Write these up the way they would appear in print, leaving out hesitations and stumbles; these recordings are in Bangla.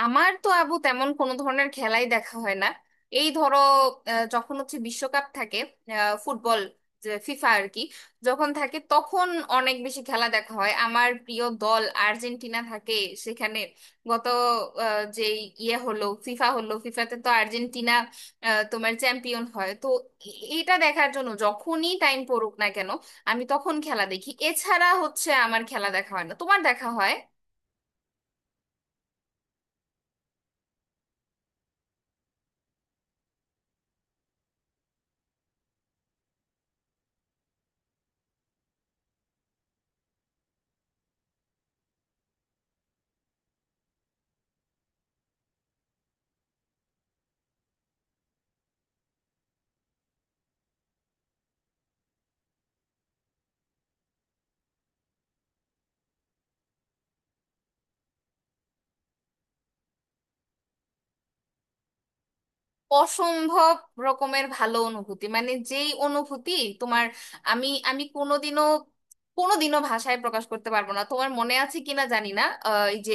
আমার তো আবু তেমন কোনো ধরনের খেলাই দেখা হয় না। এই ধরো, যখন হচ্ছে বিশ্বকাপ থাকে, ফুটবল, যে ফিফা আর কি, যখন থাকে তখন অনেক বেশি খেলা দেখা হয়। আমার প্রিয় দল আর্জেন্টিনা থাকে সেখানে। গত আহ, যে ইয়ে হলো ফিফা হলো ফিফাতে তো আর্জেন্টিনা তোমার চ্যাম্পিয়ন হয় তো। এটা দেখার জন্য যখনই টাইম পড়ুক না কেন আমি তখন খেলা দেখি। এছাড়া হচ্ছে আমার খেলা দেখা হয় না। তোমার দেখা হয়? অসম্ভব রকমের ভালো অনুভূতি, মানে, যেই অনুভূতি তোমার, আমি আমি কোনোদিনও কোনোদিনও ভাষায় প্রকাশ করতে পারবো না। তোমার মনে আছে কিনা জানি না, এই যে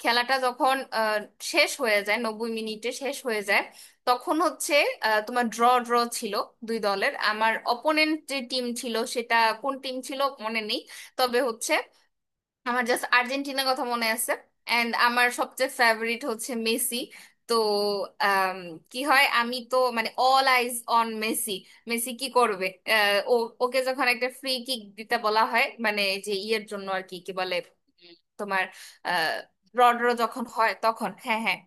খেলাটা যখন শেষ হয়ে যায় 90 মিনিটে শেষ হয়ে যায়, তখন হচ্ছে তোমার ড্র ড্র ছিল দুই দলের। আমার অপোনেন্ট যে টিম ছিল, সেটা কোন টিম ছিল মনে নেই, তবে হচ্ছে আমার জাস্ট আর্জেন্টিনার কথা মনে আছে। এন্ড আমার সবচেয়ে ফেভারিট হচ্ছে মেসি। তো আম, কি হয়, আমি তো মানে all eyes on Messi, Messi কি করবে। ও, ওকে যখন একটা ফ্রি কিক দিতে বলা হয়, মানে, যে ইয়ের জন্য আর কি, কি বলে, তোমার আহ, রড্রো যখন হয়, তখন, হ্যাঁ হ্যাঁ,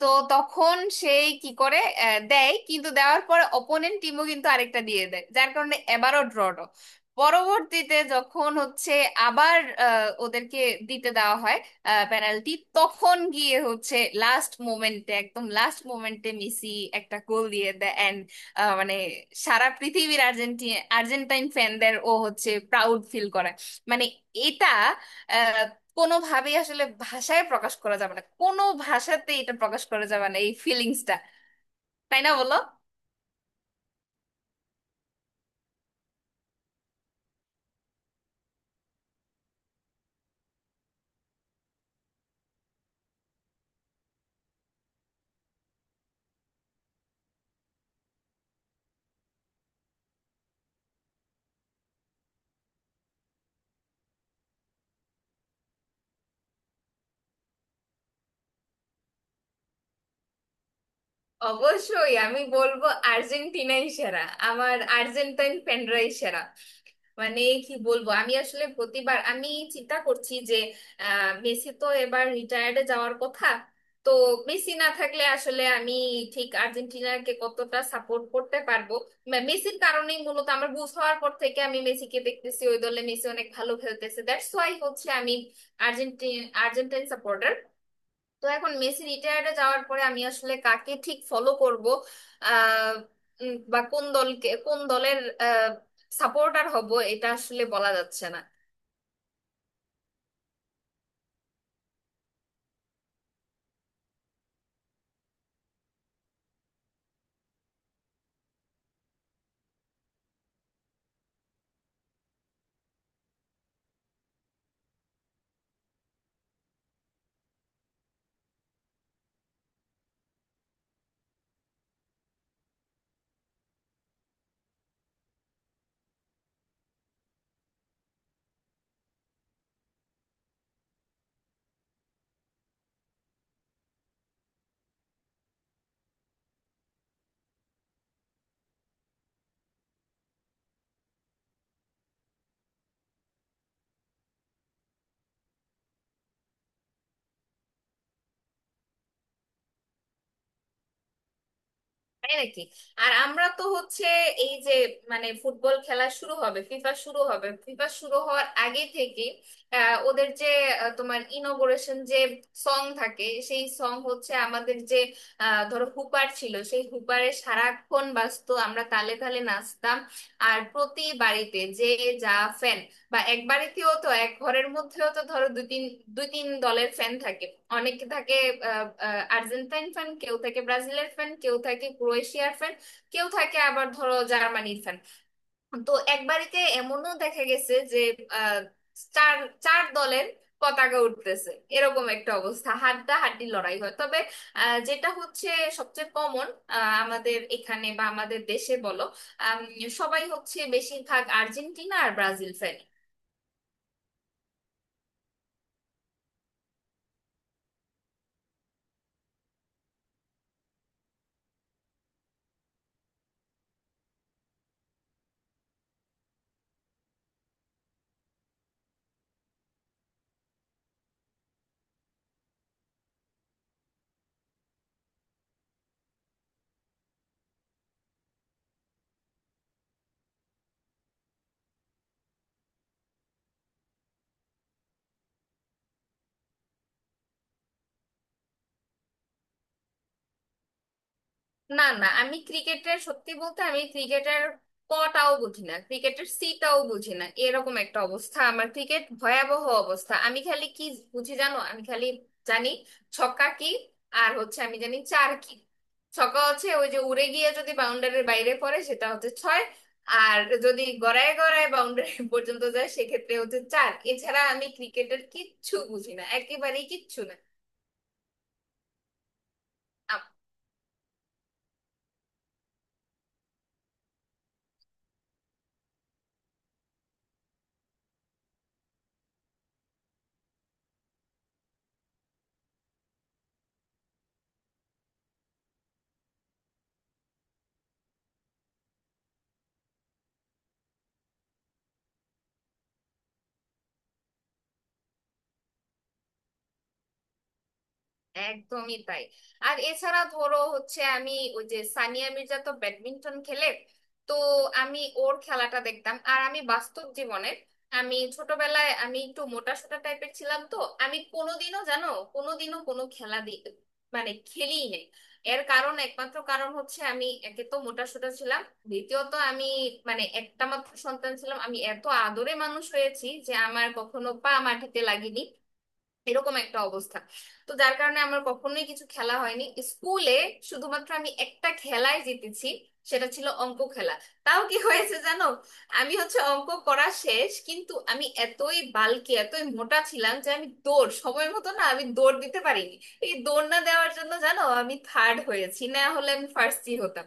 তো তখন সেই কি করে, দেয়। কিন্তু দেওয়ার পরে অপোনেন্ট টিমও কিন্তু আরেকটা দিয়ে দেয়, যার কারণে এবারও ড্র। পরবর্তীতে যখন হচ্ছে আবার ওদেরকে দিতে দেওয়া হয় পেনাল্টি, তখন গিয়ে হচ্ছে লাস্ট মোমেন্টে, একদম লাস্ট মোমেন্টে মেসি একটা গোল দিয়ে দেয়। অ্যান্ড মানে সারা পৃথিবীর আর্জেন্টাইন ফ্যানদের ও হচ্ছে প্রাউড ফিল করে। মানে এটা কোনোভাবেই আসলে ভাষায় প্রকাশ করা যাবে না, কোনো ভাষাতে এটা প্রকাশ করা যাবে না এই ফিলিংসটা, তাই না বলো? অবশ্যই আমি বলবো আর্জেন্টিনাই সেরা, আমার আর্জেন্টাইন ফ্যানরাই সেরা। মানে কি বলবো আমি আসলে, প্রতিবার আমি চিন্তা করছি যে মেসি তো এবার রিটায়ার্ডে যাওয়ার কথা। তো মেসি না থাকলে আসলে আমি ঠিক আর্জেন্টিনাকে কতটা সাপোর্ট করতে পারবো। মেসির কারণেই মূলত আমার বুঝ হওয়ার পর থেকে আমি মেসিকে দেখতেছি, ওই দলে মেসি অনেক ভালো খেলতেছে, দ্যাটস ওয়াই হচ্ছে আমি আর্জেন্টিন আর্জেন্টাইন সাপোর্টার। তো এখন মেসি রিটায়ার্ডে যাওয়ার পরে আমি আসলে কাকে ঠিক ফলো করব, আহ বা কোন দলকে, কোন দলের সাপোর্টার হব, এটা আসলে বলা যাচ্ছে না। তাই নাকি? আর আমরা তো হচ্ছে এই যে, মানে ফুটবল খেলা শুরু হবে, ফিফা শুরু হবে, ফিফা শুরু হওয়ার আগে থেকে ওদের যে তোমার ইনোগুরেশন যে সং থাকে, সেই সং হচ্ছে আমাদের যে ধরো হুপার ছিল, সেই হুপারে সারাক্ষণ বাজতো, আমরা তালে তালে নাচতাম। আর প্রতি বাড়িতে যে যা ফ্যান, বা এক বাড়িতেও তো, এক ঘরের মধ্যেও তো ধরো দুই তিন দলের ফ্যান থাকে, অনেকে থাকে। আহ, আহ, আর্জেন্টাইন ফ্যান কেউ থাকে, ব্রাজিলের ফ্যান কেউ থাকে, ক্রোয়েশিয়ার ফ্যান কেউ থাকে, আবার ধরো জার্মানির ফ্যান। তো এক বাড়িতে এমনও দেখা গেছে যে আহ, চার চার দলের পতাকা উঠতেছে, এরকম একটা অবস্থা, হাড্ডা হাড্ডি লড়াই হয়। তবে যেটা হচ্ছে সবচেয়ে কমন আমাদের এখানে বা আমাদের দেশে বলো, আম, সবাই হচ্ছে বেশিরভাগ আর্জেন্টিনা আর ব্রাজিল ফ্যান। না না, আমি ক্রিকেটের সত্যি বলতে, আমি ক্রিকেটের কটাও বুঝি না, ক্রিকেটের সিটাও বুঝি না, এরকম একটা অবস্থা আমার, ক্রিকেট ভয়াবহ অবস্থা। আমি খালি কি বুঝি জানো? আমি খালি জানি ছক্কা কি, আর হচ্ছে আমি জানি চার কি। ছক্কা হচ্ছে ওই যে উড়ে গিয়ে যদি বাউন্ডারির বাইরে পড়ে, সেটা হচ্ছে ছয়, আর যদি গড়ায় গড়ায় বাউন্ডারি পর্যন্ত যায়, সেক্ষেত্রে হচ্ছে চার। এছাড়া আমি ক্রিকেটের কিচ্ছু বুঝি না, একেবারেই কিচ্ছু না। একদমই তাই। আর এছাড়া ধরো হচ্ছে আমি, ওই যে সানিয়া মির্জা তো ব্যাডমিন্টন খেলে, তো আমি ওর খেলাটা দেখতাম। আর আমি বাস্তব জীবনের, আমি ছোটবেলায় আমি একটু মোটা সোটা টাইপের ছিলাম, তো আমি কোনোদিনও জানো কোনোদিনও কোনো খেলা মানে খেলিই নাই। এর কারণ, একমাত্র কারণ হচ্ছে আমি একে তো মোটা সোটা ছিলাম, দ্বিতীয়ত আমি মানে একটা মাত্র সন্তান ছিলাম, আমি এত আদরে মানুষ হয়েছি যে আমার কখনো পা মাটিতে লাগেনি, এরকম একটা অবস্থা। তো যার কারণে আমার কখনোই কিছু খেলা হয়নি। স্কুলে শুধুমাত্র আমি একটা খেলায় জিতেছি, সেটা ছিল অঙ্ক খেলা। তাও কি হয়েছে জানো? আমি হচ্ছে অঙ্ক করা শেষ, কিন্তু আমি এতই বালকি, এতই মোটা ছিলাম যে আমি দৌড় সময় মতো না, আমি দৌড় দিতে পারিনি। এই দৌড় না দেওয়ার জন্য জানো আমি থার্ড হয়েছি, না হলে আমি ফার্স্টই হতাম।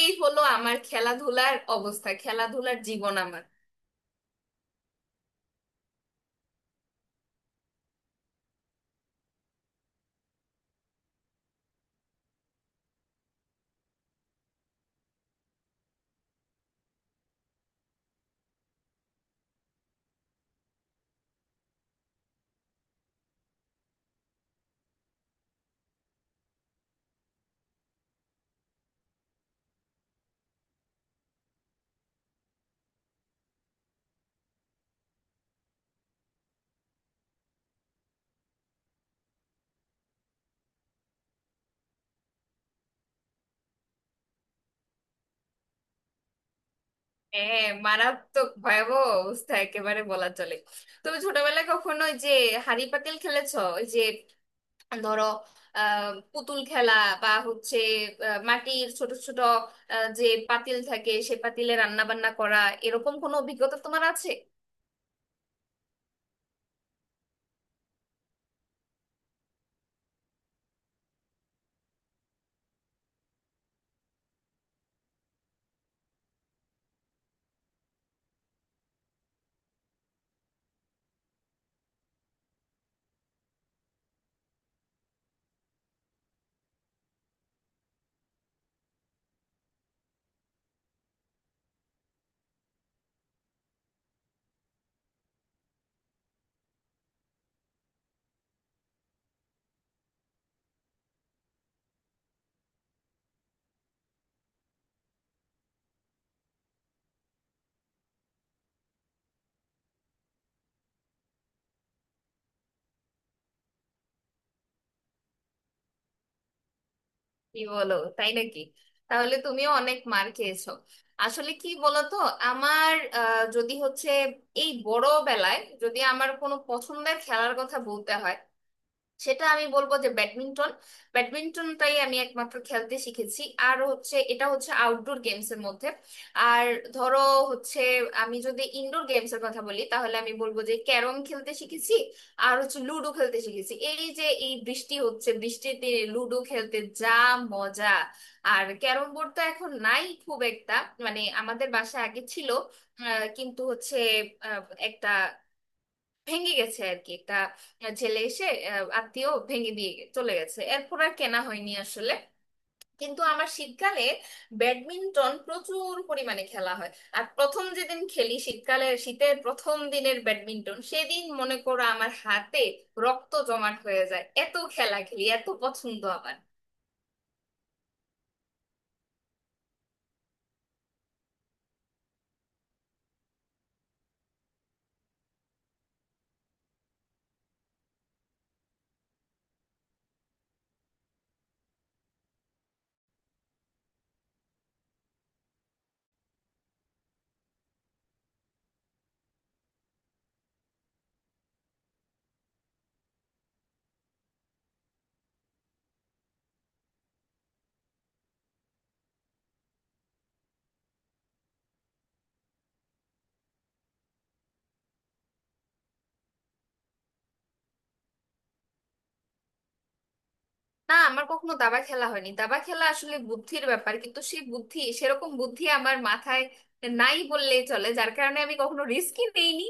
এই হলো আমার খেলাধুলার অবস্থা, খেলাধুলার জীবন আমার। হ্যাঁ, মারাত্মক ভয়াবহ অবস্থা একেবারে বলা চলে। তুমি ছোটবেলায় কখনো ওই যে হাঁড়ি পাতিল খেলেছো? ওই যে ধরো পুতুল খেলা, বা হচ্ছে মাটির ছোট ছোট আহ, যে পাতিল থাকে, সে পাতিলে রান্না বান্না করা, এরকম কোনো অভিজ্ঞতা তোমার আছে? কি বলো, তাই নাকি? তাহলে তুমিও অনেক মার খেয়েছো। আসলে কি বলতো, আমার যদি হচ্ছে এই বড় বেলায়, যদি আমার কোনো পছন্দের খেলার কথা বলতে হয়, সেটা আমি বলবো যে ব্যাডমিন্টন। ব্যাডমিন্টনটাই আমি একমাত্র খেলতে শিখেছি, আর হচ্ছে এটা হচ্ছে আউটডোর গেমস এর মধ্যে। আর ধরো হচ্ছে, আমি যদি ইনডোর গেমস এর কথা বলি, তাহলে আমি বলবো যে ক্যারম খেলতে শিখেছি, আর হচ্ছে লুডো খেলতে শিখেছি। এই যে এই বৃষ্টি হচ্ছে, বৃষ্টিতে লুডো খেলতে যা মজা! আর ক্যারম বোর্ড তো এখন নাই খুব একটা, মানে আমাদের বাসায় আগে ছিল, কিন্তু হচ্ছে আহ, একটা ভেঙে গেছে আর কি। একটা ছেলে এসে, আত্মীয়, ভেঙে দিয়ে চলে গেছে, এরপর আর কেনা হয়নি আসলে। কিন্তু আমার শীতকালে ব্যাডমিন্টন প্রচুর পরিমাণে খেলা হয়। আর প্রথম যেদিন খেলি শীতকালে, শীতের প্রথম দিনের ব্যাডমিন্টন, সেদিন মনে করো আমার হাতে রক্ত জমাট হয়ে যায়, এত খেলা খেলি, এত পছন্দ আমার। না, আমার কখনো দাবা খেলা হয়নি। দাবা খেলা আসলে বুদ্ধির ব্যাপার, কিন্তু সেই বুদ্ধি, সেরকম বুদ্ধি আমার মাথায় নাই বললেই চলে, যার কারণে আমি কখনো রিস্কই নেইনি।